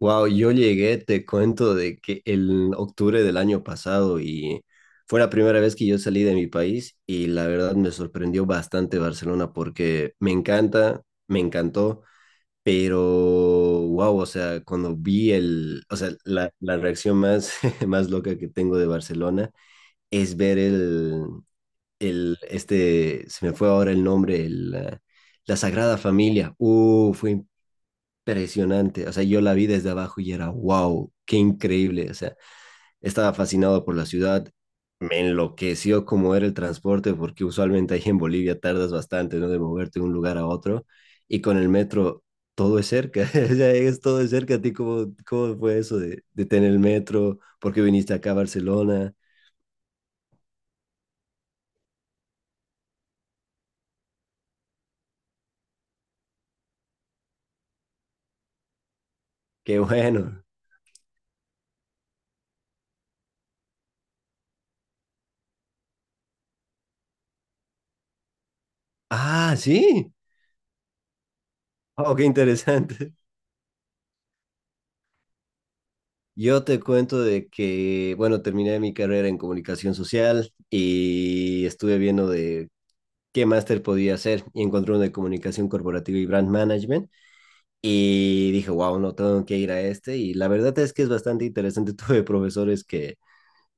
Wow, yo llegué, te cuento, de que el octubre del año pasado y fue la primera vez que yo salí de mi país y la verdad me sorprendió bastante Barcelona porque me encanta, me encantó, pero wow, o sea, cuando vi o sea, la reacción más, más loca que tengo de Barcelona es ver este, se me fue ahora el nombre, la Sagrada Familia. Fue impresionante. O sea, yo la vi desde abajo y era, wow, qué increíble. O sea, estaba fascinado por la ciudad. Me enloqueció cómo era el transporte, porque usualmente ahí en Bolivia tardas bastante, ¿no? De moverte de un lugar a otro. Y con el metro todo es cerca. O sea, es todo es cerca. ¿A ti cómo fue eso de tener el metro? ¿Por qué viniste acá a Barcelona? Qué bueno. Ah, sí. Oh, qué interesante. Yo te cuento de que, bueno, terminé mi carrera en comunicación social y estuve viendo de qué máster podía hacer y encontré uno de comunicación corporativa y brand management y dije, wow, no tengo que ir a este y la verdad es que es bastante interesante. Tuve profesores que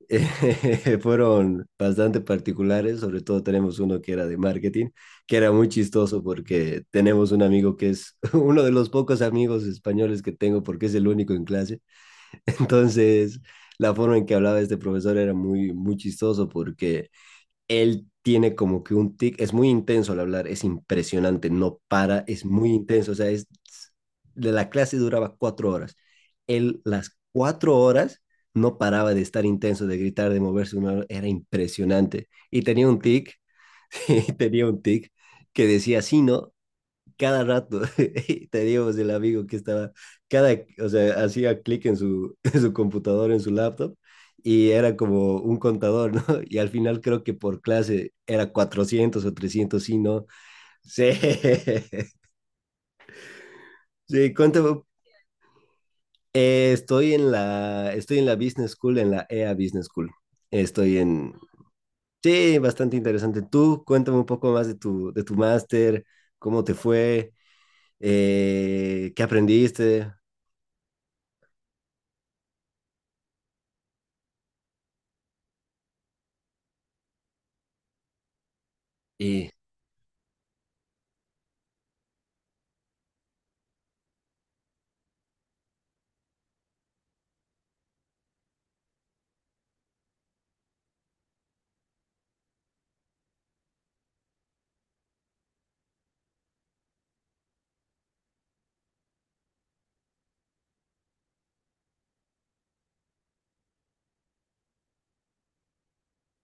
fueron bastante particulares, sobre todo tenemos uno que era de marketing, que era muy chistoso porque tenemos un amigo que es uno de los pocos amigos españoles que tengo porque es el único en clase, entonces la forma en que hablaba este profesor era muy, muy chistoso porque él tiene como que un tic, es muy intenso al hablar, es impresionante, no para, es muy intenso, o sea, es, de la clase duraba 4 horas. Él las 4 horas no paraba de estar intenso, de gritar, de moverse, una, era impresionante. Y tenía un tic, tenía un tic que decía, sí, no, cada rato. Teníamos el amigo que estaba, cada, o sea, hacía clic en su, en su computadora, en su laptop, y era como un contador, ¿no? Y al final creo que por clase era 400 o 300 sí, ¿no? Sí, sí, cuéntame. Estoy en la Business School, en la EA Business School. Estoy en, sí, bastante interesante. Tú, cuéntame un poco más de tu, máster, cómo te fue, qué aprendiste.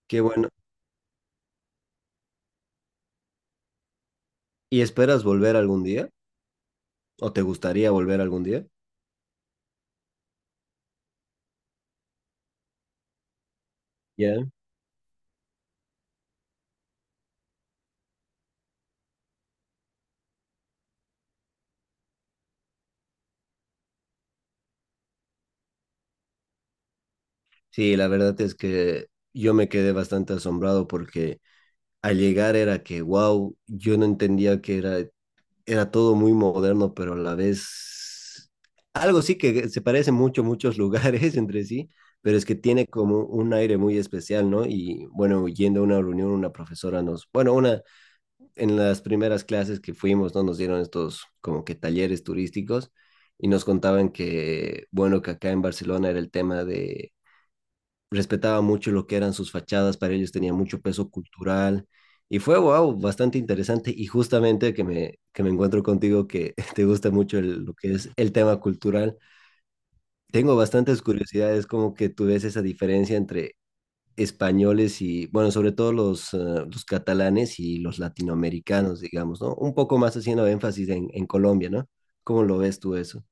Qué bueno. ¿Y esperas volver algún día? ¿O te gustaría volver algún día? Ya. Sí, la verdad es que yo me quedé bastante asombrado porque al llegar era que, wow, yo no entendía que era, era todo muy moderno, pero a la vez algo sí que se parece mucho, muchos lugares entre sí, pero es que tiene como un aire muy especial, ¿no? Y bueno, yendo a una reunión, una profesora nos, bueno, una en las primeras clases que fuimos, ¿no? Nos dieron estos como que talleres turísticos y nos contaban que, bueno, que acá en Barcelona era el tema de, respetaba mucho lo que eran sus fachadas, para ellos tenía mucho peso cultural. Y fue, wow, bastante interesante y justamente que me encuentro contigo que te gusta mucho el, lo que es el tema cultural. Tengo bastantes curiosidades, como que tú ves esa diferencia entre españoles y, bueno, sobre todo los catalanes y los latinoamericanos, digamos, ¿no? Un poco más haciendo énfasis en Colombia, ¿no? ¿Cómo lo ves tú eso?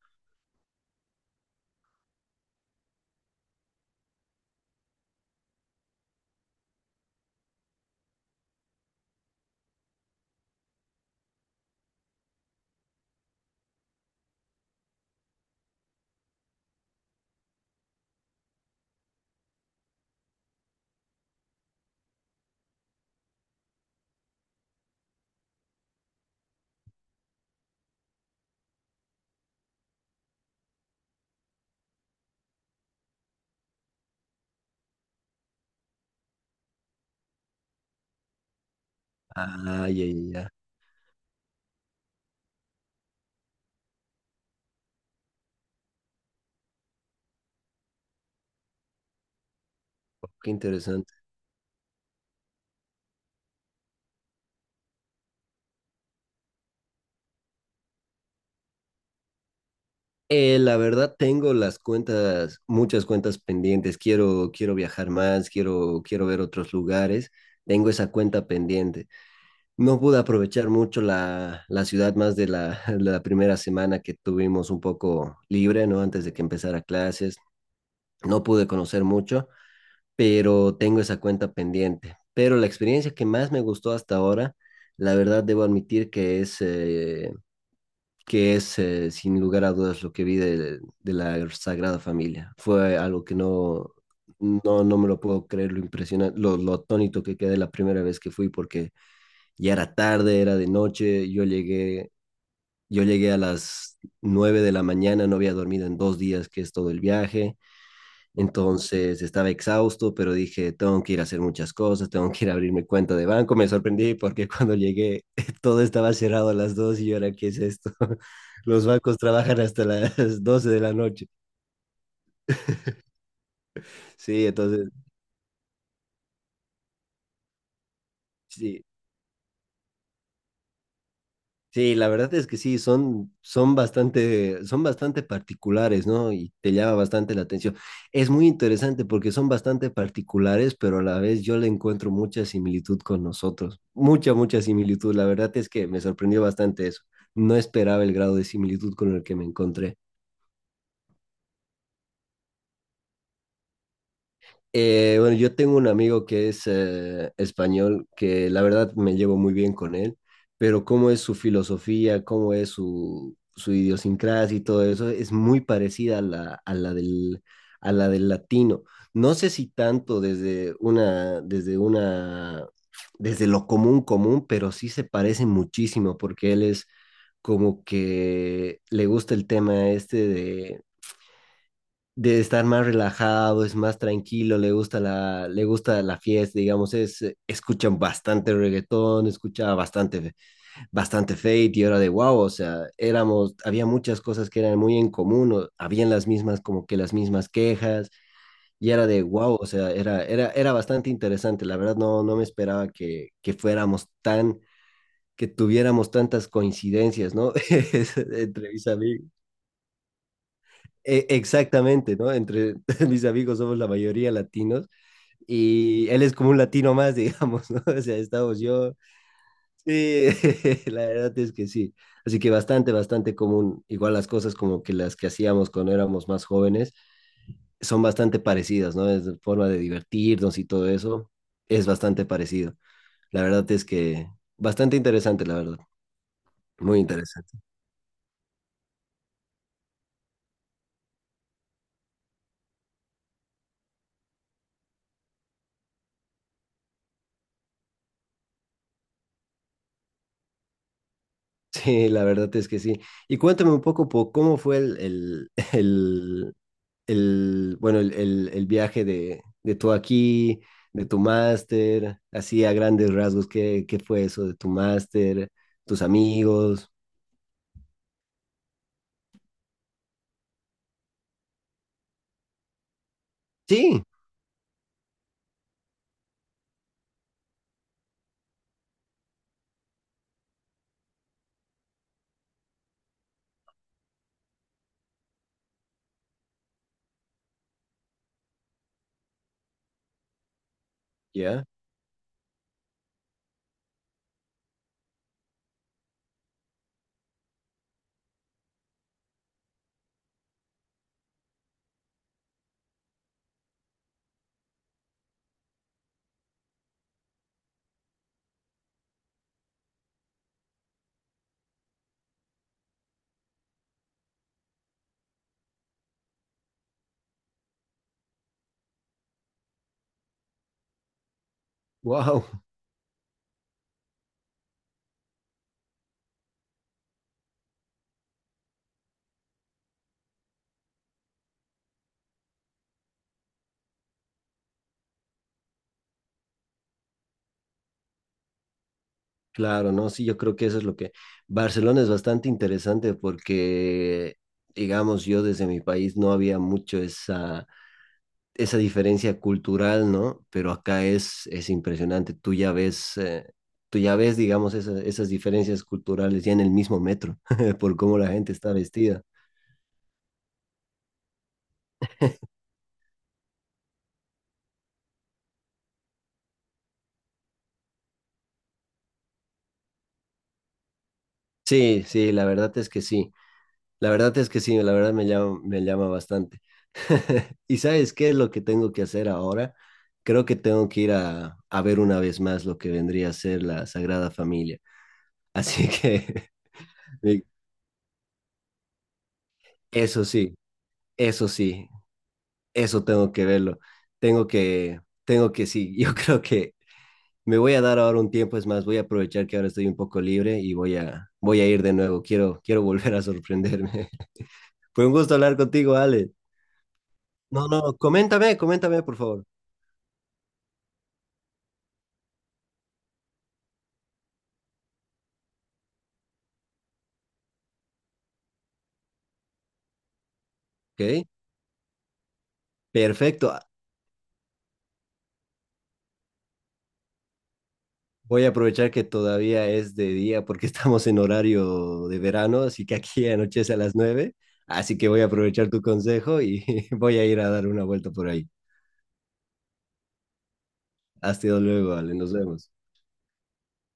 Ah, ya, ya, ya. Qué interesante. La verdad tengo muchas cuentas pendientes. Quiero, quiero viajar más, quiero, quiero ver otros lugares. Tengo esa cuenta pendiente. No pude aprovechar mucho la, la ciudad más de la, la primera semana que tuvimos un poco libre, ¿no? Antes de que empezara clases. No pude conocer mucho, pero tengo esa cuenta pendiente. Pero la experiencia que más me gustó hasta ahora, la verdad debo admitir que es sin lugar a dudas lo que vi de la Sagrada Familia. Fue algo que no, no, no me lo puedo creer, lo impresionante, lo atónito que quedé la primera vez que fui, porque ya era tarde, era de noche, yo llegué a las 9 de la mañana, no había dormido en 2 días, que es todo el viaje, entonces estaba exhausto, pero dije, tengo que ir a hacer muchas cosas, tengo que ir a abrir mi cuenta de banco. Me sorprendí porque cuando llegué todo estaba cerrado a las 2 y yo era, ¿qué es esto? Los bancos trabajan hasta las 12 de la noche. Sí, entonces, sí, sí, la verdad es que sí, son, son bastante particulares, ¿no? Y te llama bastante la atención. Es muy interesante porque son bastante particulares, pero a la vez yo le encuentro mucha similitud con nosotros. Mucha, mucha similitud. La verdad es que me sorprendió bastante eso. No esperaba el grado de similitud con el que me encontré. Bueno, yo tengo un amigo que es español, que la verdad me llevo muy bien con él, pero cómo es su filosofía, cómo es su idiosincrasia y todo eso, es muy parecida a la del latino. No sé si tanto desde lo común común, pero sí se parece muchísimo porque él es como que le gusta el tema este de estar más relajado, es más tranquilo, le gusta la fiesta, digamos, es, escuchan bastante reggaetón, escuchaba bastante, bastante Fate y era de wow, o sea, había muchas cosas que eran muy en común, o habían las mismas, como que las mismas quejas, y era de wow, o sea, era bastante interesante, la verdad no, no me esperaba que fuéramos que tuviéramos tantas coincidencias, ¿no? Entre mis amigos. Exactamente, ¿no? Entre mis amigos somos la mayoría latinos y él es como un latino más, digamos, ¿no? O sea, estamos yo. Sí, la verdad es que sí. Así que bastante, bastante común. Igual las cosas como que las que hacíamos cuando éramos más jóvenes son bastante parecidas, ¿no? Es forma de divertirnos y todo eso es bastante parecido. La verdad es que bastante interesante, la verdad. Muy interesante. Sí, la verdad es que sí. Y cuéntame un poco cómo fue el, bueno, el viaje de, tú aquí, de tu máster, así a grandes rasgos, ¿qué fue eso de tu máster, tus amigos? Sí, ya, Wow, claro, ¿no? Sí, yo creo que eso es lo que... Barcelona es bastante interesante porque, digamos, yo desde mi país no había mucho esa diferencia cultural, ¿no? Pero acá es impresionante. Tú ya ves, digamos, esas diferencias culturales ya en el mismo metro, por cómo la gente está vestida. Sí, sí, la verdad es que sí. La verdad es que sí, la verdad me llama bastante. ¿Y sabes qué es lo que tengo que hacer ahora? Creo que tengo que ir a ver una vez más lo que vendría a ser la Sagrada Familia. Así que, eso sí, eso sí. Eso tengo que verlo. Tengo que, tengo que sí. Yo creo que me voy a dar ahora un tiempo, es más, voy a aprovechar que ahora estoy un poco libre y voy a, voy a ir de nuevo. Quiero, quiero volver a sorprenderme. Fue un gusto hablar contigo, Ale. No, no, coméntame, coméntame, por favor. Ok, perfecto. Ah, voy a aprovechar que todavía es de día porque estamos en horario de verano, así que aquí anochece a las 9. Así que voy a aprovechar tu consejo y voy a ir a dar una vuelta por ahí. Hasta luego, Ale. Nos vemos.